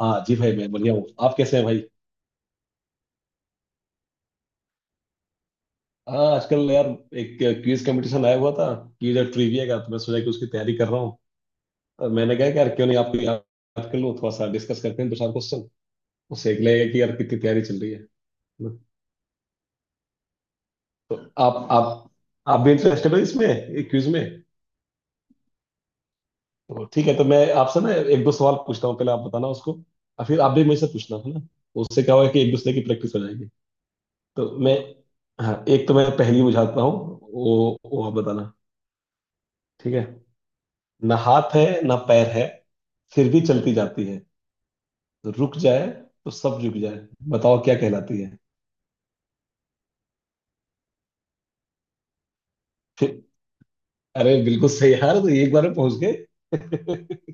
हाँ जी भाई, मैं बढ़िया हूँ। आप कैसे हैं भाई? हाँ, आजकल यार एक क्विज कंपटीशन आया हुआ था। क्विज और ट्रिविया का, तो मैं सोचा कि उसकी तैयारी कर रहा हूँ। और मैंने कहा कि यार क्यों नहीं आपको याद कर लूँ, थोड़ा सा डिस्कस करते हैं दो चार क्वेश्चन। उससे एक लगेगा कि यार कितनी तैयारी चल रही है। तो आप आप आप भी इंटरेस्टेड हो इसमें, क्विज में? तो ठीक है, तो मैं आपसे ना एक दो सवाल पूछता हूँ, पहले आप बताना उसको। और फिर आप भी मुझसे पूछना, है ना? तो उससे क्या होगा कि एक दूसरे की प्रैक्टिस हो जाएगी। तो मैं हाँ एक तो मैं पहली बुझाता हूँ, वो आप बताना। ठीक है? ना हाथ है ना पैर है, फिर भी चलती जाती है। रुक जाए तो सब रुक जाए। बताओ क्या कहलाती है? फिर, अरे बिल्कुल सही यार, तो एक बार में पहुंच गए।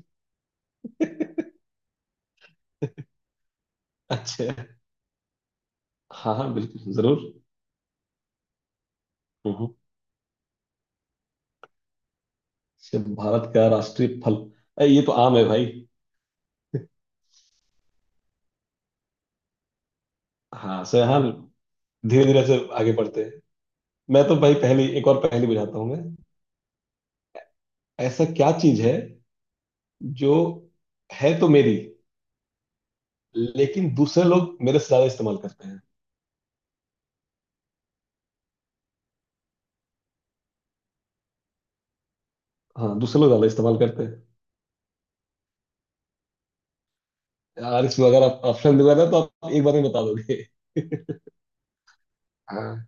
अच्छा। हाँ हाँ, बिल्कुल जरूर। हम्म। से भारत का राष्ट्रीय फल? अरे, ये तो आम है भाई। हाँ सर, हाँ। धीरे धीरे से आगे बढ़ते हैं। मैं तो भाई पहली एक और पहेली बुझाता हूँ मैं। ऐसा क्या चीज है जो है तो मेरी, लेकिन दूसरे लोग मेरे से ज्यादा इस्तेमाल करते हैं? हाँ, दूसरे लोग ज्यादा इस्तेमाल करते हैं। यार, इसमें अगर आप ऑप्शन दूंगा ना, तो आप एक बार में बता दोगे। हाँ।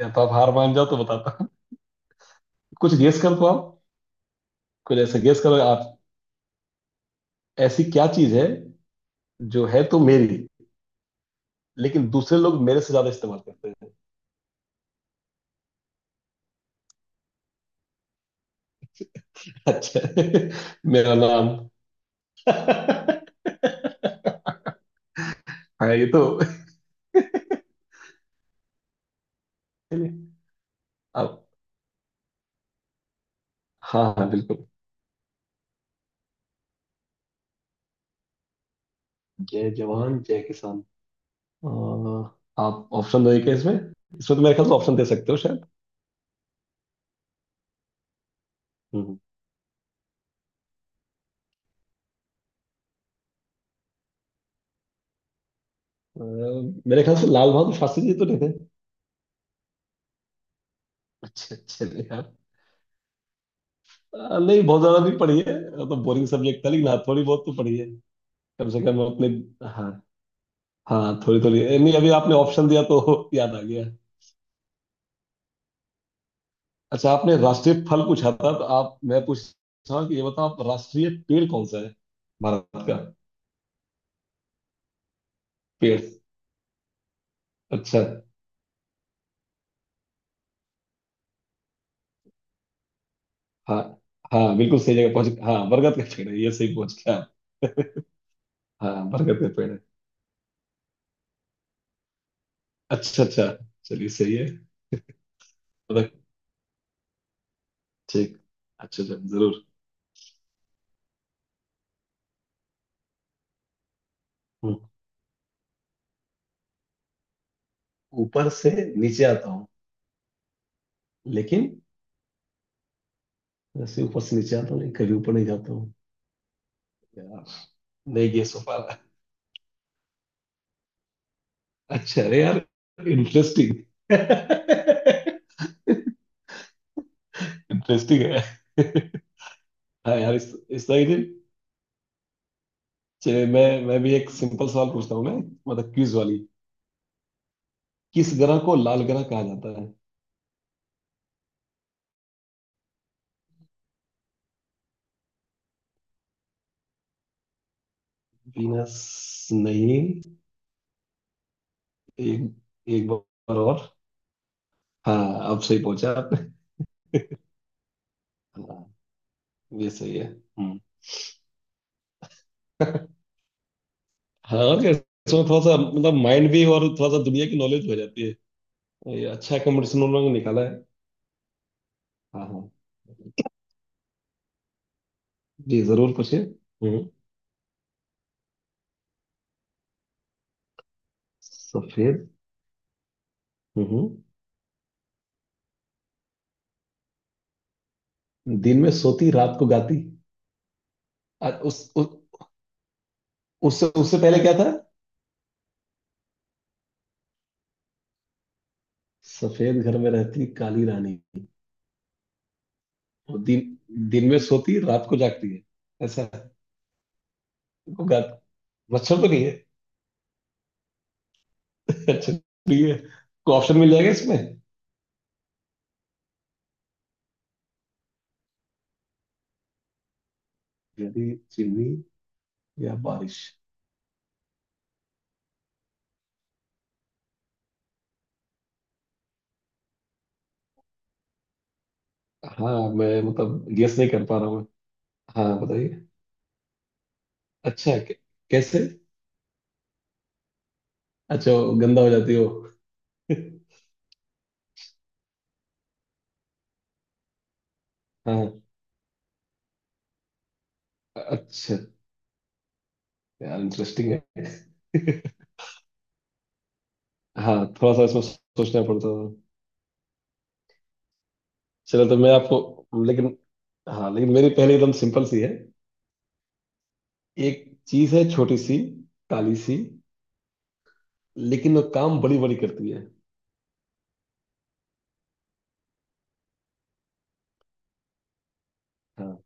या तो आप हार मान जाओ तो बताता हूँ, कुछ गेस कर पाओ। कुछ ऐसा गेस करो आप। ऐसी क्या चीज है जो है तो मेरी, लेकिन दूसरे लोग मेरे से ज्यादा इस्तेमाल करते हैं? अच्छा। मेरा नाम। हाँ, ये तो आप। हाँ हाँ, बिल्कुल। जय जवान जय किसान। अ, आप ऑप्शन दोगे क्या इसमें इसमें तो मेरे ख्याल से ऑप्शन दे सकते हो शायद। हम्म। मेरे ख्याल से लाल बहादुर शास्त्री जी, तो नहीं थे? अच्छा अच्छा। नहीं, बहुत ज्यादा नहीं पढ़ी है, वो तो बोरिंग सब्जेक्ट था। लेकिन हाँ, थोड़ी बहुत तो पढ़ी है, कम से कम अपने। हाँ। हाँ, थोड़ी थोड़ी। नहीं, अभी आपने ऑप्शन दिया तो याद आ गया। अच्छा, आपने राष्ट्रीय फल पूछा था, तो आप मैं पूछ रहा हूँ कि ये बताओ आप, राष्ट्रीय पेड़ कौन सा है भारत का? पेड़। अच्छा। हाँ हाँ, बिल्कुल सही जगह पहुंच। हाँ, बरगद का पेड़ है ये, सही पहुंच गया आप। हाँ, बरगद का पेड़ है। अच्छा अच्छा। चलिए, सही है। मतलब, ठीक। अच्छा अच्छा, जरूर। हम्म। ऊपर से नीचे आता हूँ, लेकिन ऐसे ऊपर से नीचे आता हूँ, कभी ऊपर नहीं जाता हूँ। नहीं, ये सोफा। अच्छा, अरे यार, इंटरेस्टिंग। इंटरेस्टिंग है। हाँ यार, इस तरह की। चलिए, मैं भी एक सिंपल सवाल पूछता हूँ मैं, मतलब क्विज वाली। किस ग्रह को लाल ग्रह कहा जाता है? वीनस? नहीं। एक, एक बार, और हाँ अब सही पहुंचा आपने। हाँ, ये सही है। हम्म। हाँ, और क्या, इसमें थोड़ा सा मतलब माइंड भी, और थोड़ा सा दुनिया की नॉलेज हो जाती है। ये अच्छा कंपटीशन उन लोगों ने निकाला है। हाँ हाँ। जी, जरूर पूछिए। हम्म। सफेद। हम्म। दिन में सोती रात को गाती। उस उससे उससे पहले क्या था? सफेद घर में रहती काली रानी। वो दिन, दिन में सोती रात को जागती है, ऐसा है। को गाती, मच्छर तो नहीं है? अच्छा। ठीक है, कोई ऑप्शन मिल जाएगा इसमें? यदि, चिमनी या बारिश? हाँ, मैं मतलब गेस नहीं कर पा रहा हूँ। हाँ, बताइए। अच्छा। कैसे? अच्छा, वो गंदा हो जाती हो। हाँ। अच्छा यार, इंटरेस्टिंग है। हाँ, थोड़ा सा इसमें सोचना पड़ता था। चलो, तो मैं आपको, लेकिन हाँ, लेकिन मेरी पहले एकदम सिंपल सी है। एक चीज है छोटी सी, काली सी, लेकिन वो काम बड़ी बड़ी करती है। हाँ।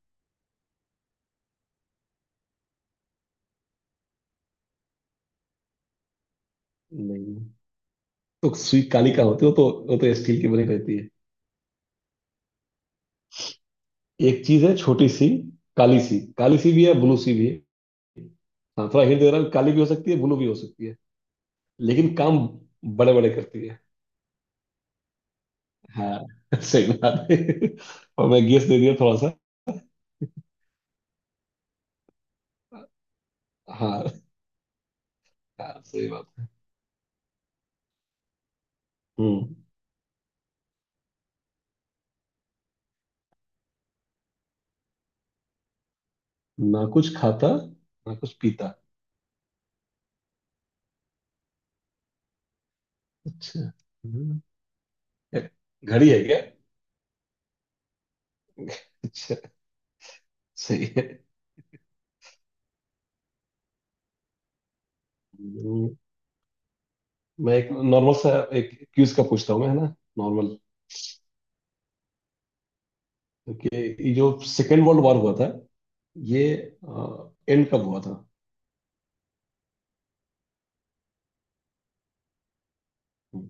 नहीं, तो सुई काली का होती है वो तो स्टील की बनी रहती है। एक चीज है छोटी सी, काली सी, काली सी भी है, ब्लू सी भी है। हाँ, थोड़ा हिंट दे रहा हूँ, काली भी हो सकती है, ब्लू भी हो सकती है, लेकिन काम बड़े बड़े करती है। हाँ। सही बात है, और मैं गेस दे दिया थोड़ा सा। हाँ। हाँ, सही बात है। हम्म। ना कुछ खाता, ना कुछ पीता। अच्छा। हम्म, घड़ी है क्या? अच्छा, सही है। हम्म, मैं एक नॉर्मल सा, एक क्यूज का पूछता हूँ मैं, है ना? नॉर्मल, क्योंकि ये जो सेकेंड वर्ल्ड वॉर हुआ था, ये एंड कब हुआ था? हम्म।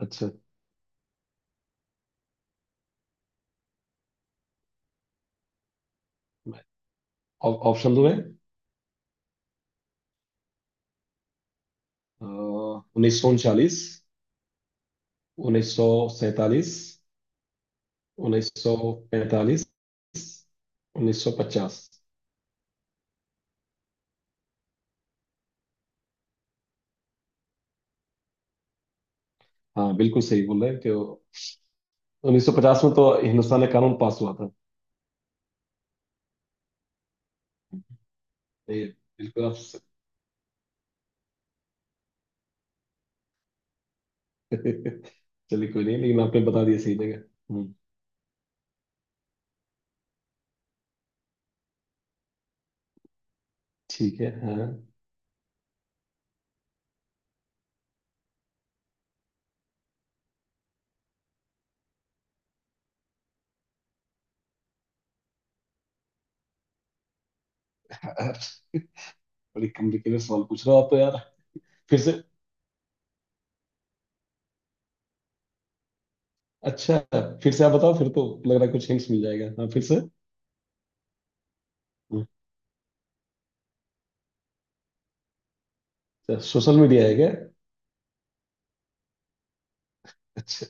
अच्छा। मैं- ऑप्शन दो है। 1939, 1947, 1945, 1950। हाँ बिल्कुल सही बोल रहे हैं कि 1950 में तो हिंदुस्तान में कानून पास हुआ था। ये बिल्कुल आप चलिए, कोई नहीं, लेकिन आपने बता दिया सही जगह। हम्म, ठीक है, हाँ। बड़ी कॉम्प्लिकेटेड सवाल पूछ रहे हो आप तो यार। फिर से, अच्छा, फिर से आप बताओ, फिर तो लग रहा है कुछ हिंट्स मिल जाएगा, हाँ फिर से। हम्म। अच्छा, सोशल मीडिया है क्या? अच्छा,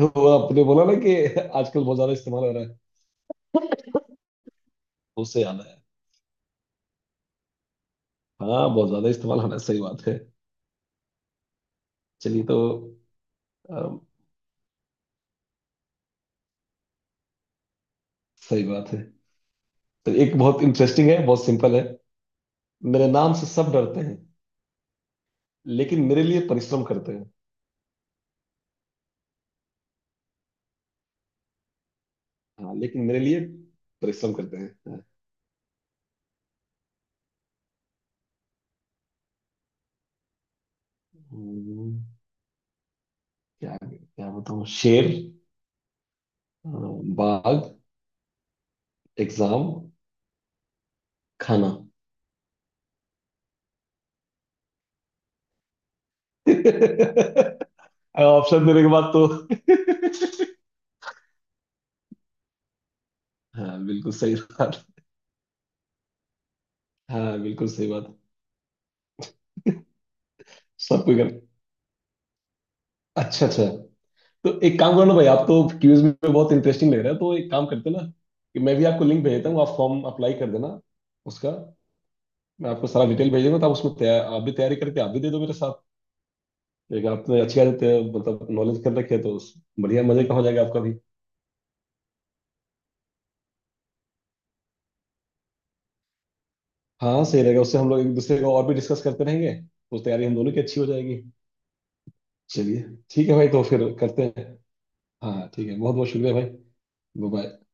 वो आपने बोला ना, कि आजकल बहुत ज्यादा इस्तेमाल हो रहा है, उससे याद आया। हाँ, बहुत ज्यादा इस्तेमाल हो रहा है, सही बात है। चलिए तो, अम, सही बात है। तो एक बहुत इंटरेस्टिंग है, बहुत सिंपल है। मेरे नाम से सब डरते हैं, लेकिन मेरे लिए परिश्रम करते हैं। हाँ, लेकिन मेरे लिए परिश्रम करते हैं, हाँ। हम्म, क्या क्या बताऊँ, शेर, अ, बाघ, एग्जाम, खाना। ऑप्शन देने के बाद तो। हाँ, बिल्कुल सही बात। हाँ, बिल्कुल सही बात, सब कोई कर। अच्छा अच्छा। तो एक काम करो ना भाई, आप तो क्यूज में बहुत इंटरेस्टिंग लग रहा है, तो एक काम करते हैं ना, कि मैं भी आपको लिंक भेज देता हूँ, आप फॉर्म अप्लाई कर देना उसका। मैं आपको सारा डिटेल भेज दूंगा, तो आप उसमें तैयार, आप भी तैयारी करके आप भी दे दो मेरे साथ। एक आपने अच्छी आदत है, मतलब नॉलेज कर रखी है, तो बढ़िया मजे का हो जाएगा आपका भी। हाँ, सही रहेगा, उससे हम लोग एक दूसरे को और भी डिस्कस करते रहेंगे, तो तैयारी हम दोनों की अच्छी हो जाएगी। चलिए, ठीक है भाई, तो फिर करते हैं। हाँ, ठीक है, बहुत बहुत शुक्रिया भाई। बाय।